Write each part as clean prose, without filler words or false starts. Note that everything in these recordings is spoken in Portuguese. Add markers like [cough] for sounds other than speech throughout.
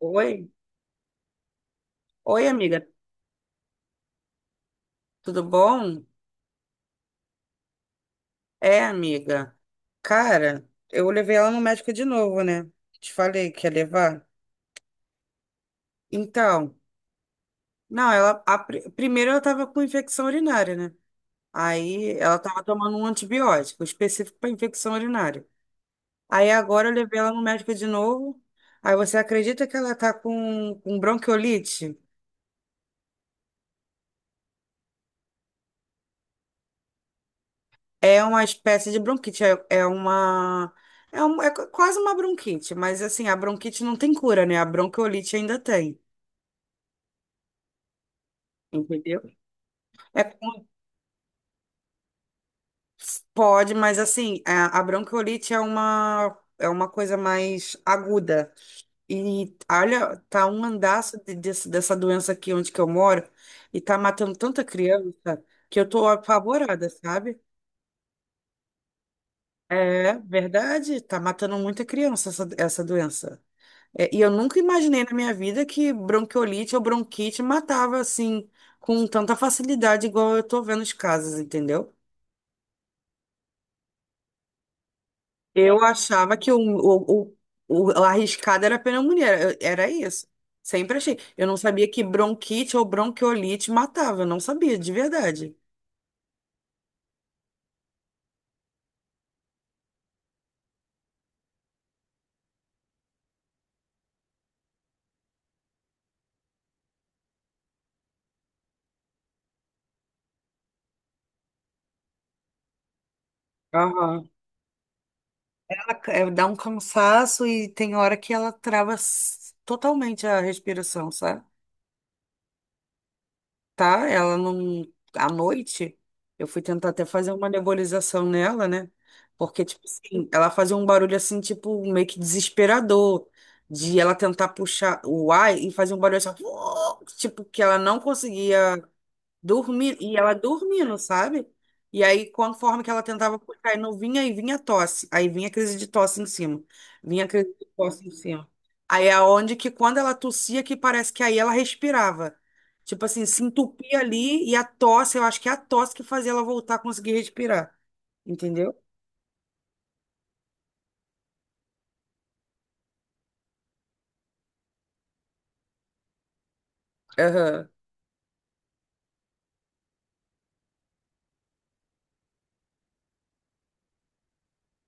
Oi, oi, amiga, tudo bom? É, amiga. Cara, eu levei ela no médico de novo, né? Te falei que ia levar. Então, não, ela primeiro ela tava com infecção urinária, né? Aí ela tava tomando um antibiótico específico para infecção urinária. Aí agora eu levei ela no médico de novo. Aí você acredita que ela tá com bronquiolite? É uma espécie de bronquite, é, é uma. É, quase uma bronquite, mas assim, a bronquite não tem cura, né? A bronquiolite ainda tem, entendeu? É, pode, mas assim, a bronquiolite é uma coisa mais aguda. E olha, tá um andaço dessa doença aqui onde que eu moro, e tá matando tanta criança que eu tô apavorada, sabe? É verdade, tá matando muita criança essa doença. É, e eu nunca imaginei na minha vida que bronquiolite ou bronquite matava assim com tanta facilidade, igual eu tô vendo os casos, entendeu? Eu achava que o arriscado era a pneumonia, era isso. Sempre achei. Eu não sabia que bronquite ou bronquiolite matava, eu não sabia, de verdade. Aham. Ela dá um cansaço e tem hora que ela trava totalmente a respiração, sabe? Tá? Ela não. À noite, eu fui tentar até fazer uma nebulização nela, né? Porque, tipo assim, ela fazia um barulho assim, tipo, meio que desesperador, de ela tentar puxar o ar e fazer um barulho assim, ó, tipo, que ela não conseguia. Dormindo, e ela dormindo, sabe? E aí, conforme que ela tentava puxar, e não vinha, e vinha tosse. Aí vinha crise de tosse em cima. Vinha crise de tosse em cima. Aí é onde que quando ela tossia, que parece que aí ela respirava. Tipo assim, se entupia ali e a tosse, eu acho que é a tosse que fazia ela voltar a conseguir respirar. Entendeu? Aham.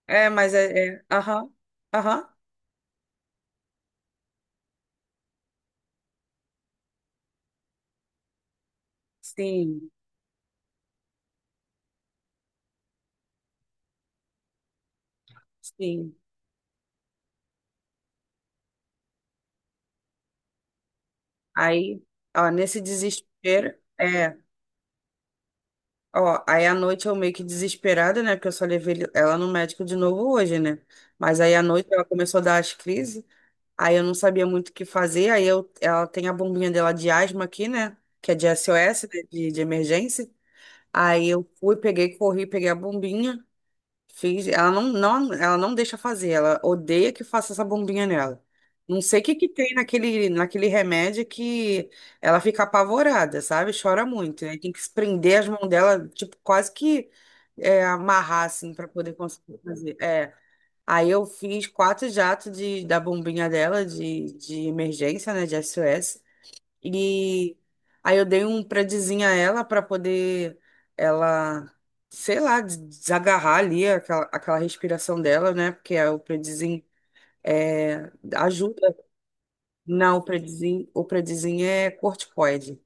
É, mas é. É, aham. Aham. Sim. Sim. Aí, ó, nesse desespero. É. Ó, aí à noite eu meio que desesperada, né? Porque eu só levei ela no médico de novo hoje, né? Mas aí à noite ela começou a dar as crises, aí eu não sabia muito o que fazer, ela tem a bombinha dela de asma aqui, né? Que é de SOS, né? De emergência. Aí eu fui, peguei, corri, peguei a bombinha. Fiz, ela não deixa fazer, ela odeia que faça essa bombinha nela. Não sei o que que tem naquele remédio que ela fica apavorada, sabe? Chora muito. Aí tem que prender as mãos dela, tipo, quase que amarrar, assim, para poder conseguir fazer. É. Aí eu fiz quatro jatos da bombinha dela, de emergência, né, de SOS e aí eu dei um predizinho a ela para poder ela, sei lá, desagarrar ali aquela respiração dela, né? Porque é o predizinho ajuda. Não, o predizinho é corticoide.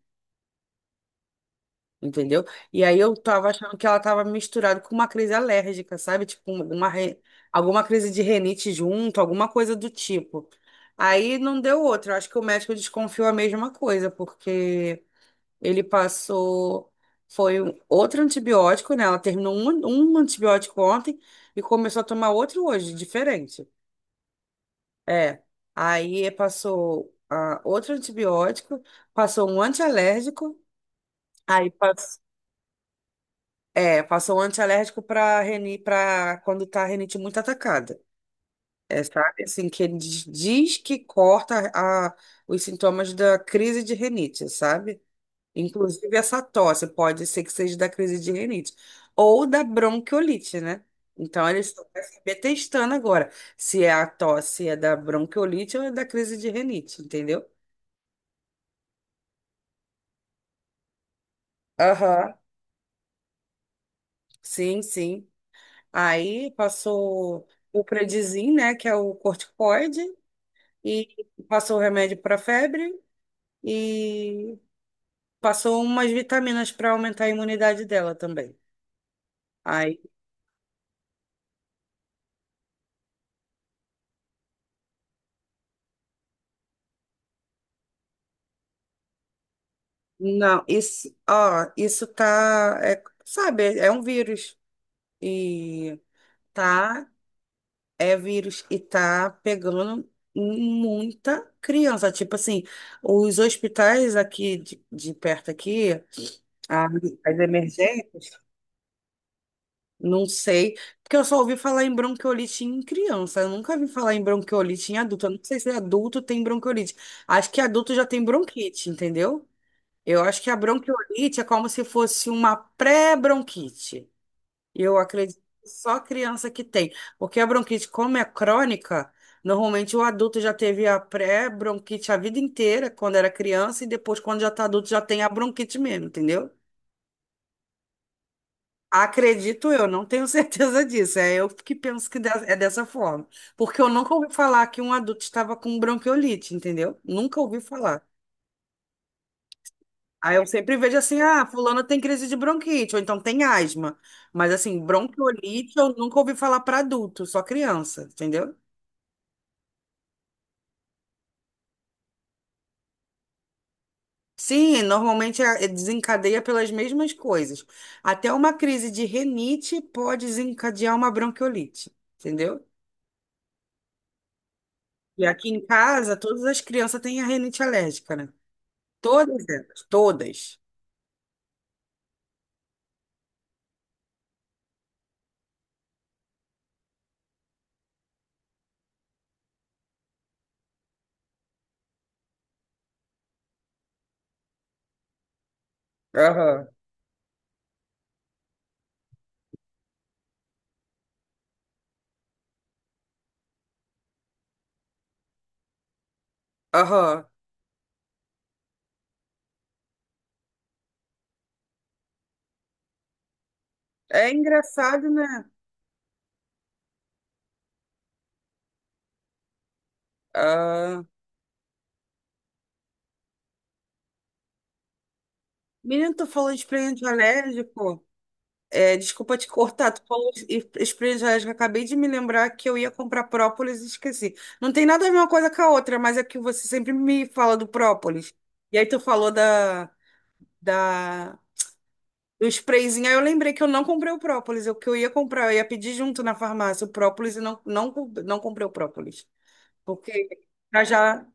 Entendeu? E aí eu tava achando que ela tava misturada com uma crise alérgica, sabe? Tipo, alguma crise de renite junto, alguma coisa do tipo. Aí não deu outra. Eu acho que o médico desconfiou a mesma coisa, porque ele passou. Foi outro antibiótico, né? Ela terminou um antibiótico ontem e começou a tomar outro hoje, diferente. É. Aí passou outro antibiótico, passou um antialérgico, aí passou. É, passou um antialérgico para quando tá a rinite muito atacada. É, sabe? Assim, que ele diz que corta os sintomas da crise de rinite, sabe? Inclusive, essa tosse pode ser que seja da crise de rinite ou da bronquiolite, né? Então, eles estão pra saber testando agora se é a tosse é da bronquiolite ou é da crise de rinite, entendeu? Aham. Sim, sim. Aí passou o Predizin, né, que é o corticoide, e passou o remédio para febre e passou umas vitaminas para aumentar a imunidade dela também. Aí não, isso, ó, isso tá, sabe, é um vírus e tá, é vírus e tá pegando muita criança. Tipo assim, os hospitais aqui de perto aqui, a- as emergências, não sei, porque eu só ouvi falar em bronquiolite em criança. Eu nunca vi falar em bronquiolite em adulto. Eu não sei se adulto tem bronquiolite. Acho que adulto já tem bronquite, entendeu? Eu acho que a bronquiolite é como se fosse uma pré-bronquite. Eu acredito que só criança que tem. Porque a bronquite, como é crônica, normalmente o adulto já teve a pré-bronquite a vida inteira, quando era criança, e depois, quando já está adulto, já tem a bronquite mesmo, entendeu? Acredito eu, não tenho [laughs] certeza disso. É eu que penso que é dessa forma. Porque eu nunca ouvi falar que um adulto estava com bronquiolite, entendeu? Nunca ouvi falar. Aí eu sempre vejo assim, ah, fulano tem crise de bronquite, ou então tem asma. Mas assim, bronquiolite eu nunca ouvi falar para adulto, só criança, entendeu? Sim, normalmente desencadeia pelas mesmas coisas. Até uma crise de renite pode desencadear uma bronquiolite, entendeu? E aqui em casa, todas as crianças têm a renite alérgica, né? Todas elas, todas. Aham, aham. É engraçado, né? Ah, menino, tu falou de expediente alérgico. É, desculpa te cortar, tu falou espirituais, que eu acabei de me lembrar que eu ia comprar própolis e esqueci. Não tem nada a ver uma coisa com a outra, mas é que você sempre me fala do própolis. E aí tu falou da, do sprayzinho, aí eu lembrei que eu não comprei o própolis, o que eu ia comprar, eu ia pedir junto na farmácia o própolis e não comprei o própolis. Porque já, já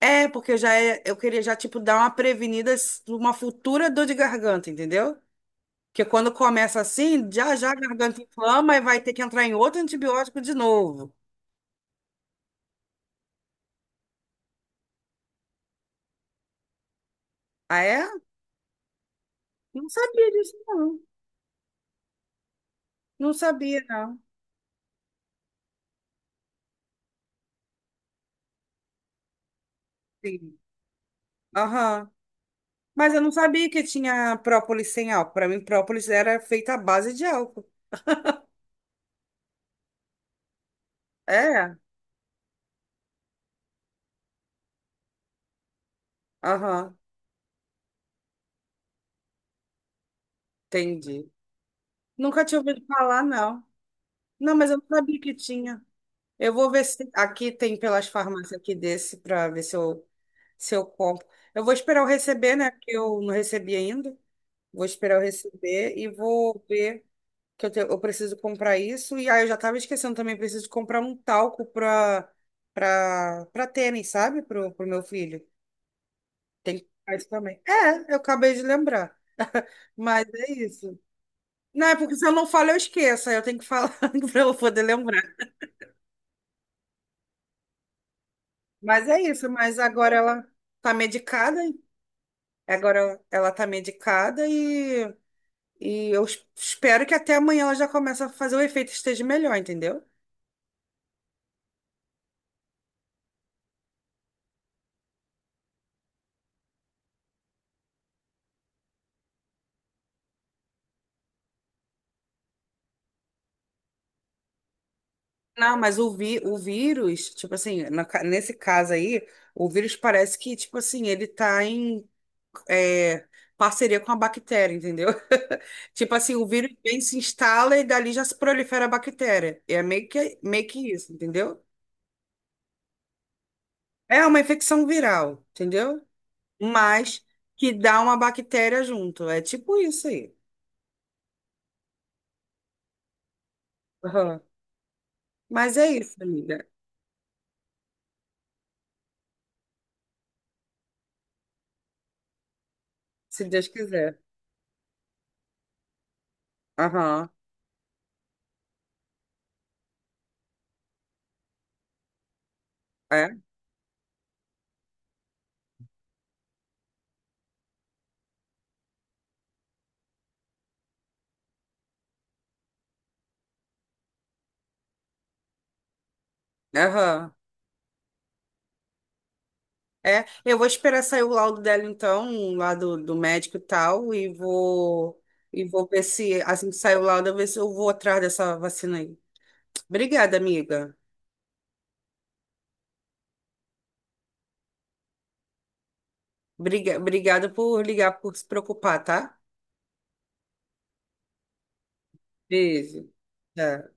porque eu queria já, tipo, dar uma prevenida, uma futura dor de garganta, entendeu? Porque quando começa assim, já já a garganta inflama e vai ter que entrar em outro antibiótico de novo. Ah, é? Não sabia disso, não. Não sabia, não. Sim. Aham. Mas eu não sabia que tinha própolis sem álcool. Para mim, própolis era feita à base de álcool. É? Aham. Entendi. Nunca tinha ouvido falar, não. Não, mas eu não sabia que tinha. Eu vou ver se aqui tem pelas farmácias aqui desse para ver se eu, compro. Eu vou esperar eu receber, né? Porque eu não recebi ainda. Vou esperar eu receber e vou ver que eu preciso comprar isso. E aí eu já tava esquecendo também, preciso comprar um talco pra tênis, sabe? Pro meu filho. Tem que comprar isso também. É, eu acabei de lembrar. Mas é isso. Não, é porque se eu não falo, eu esqueço. Aí eu tenho que falar [laughs] pra eu poder lembrar. Mas é isso. Mas agora ela tá medicada. Agora ela tá medicada e eu espero que até amanhã ela já comece a fazer o efeito e esteja melhor, entendeu? Não, mas o vírus, tipo assim, nesse caso aí, o vírus parece que, tipo assim, ele tá em é, parceria com a bactéria, entendeu? [laughs] Tipo assim, o vírus vem, se instala e dali já se prolifera a bactéria. É meio que isso, entendeu? É uma infecção viral, entendeu? Mas que dá uma bactéria junto. É tipo isso aí. Aham. Mas é isso, amiga. Se Deus quiser. Aham. É? Aham. É, eu vou esperar sair o laudo dela então, lá do médico e tal, e vou ver se assim que sair o laudo, eu ver se eu vou atrás dessa vacina aí. Obrigada, amiga. Obrigada por ligar, por se preocupar, tá? Beijo. Tchau.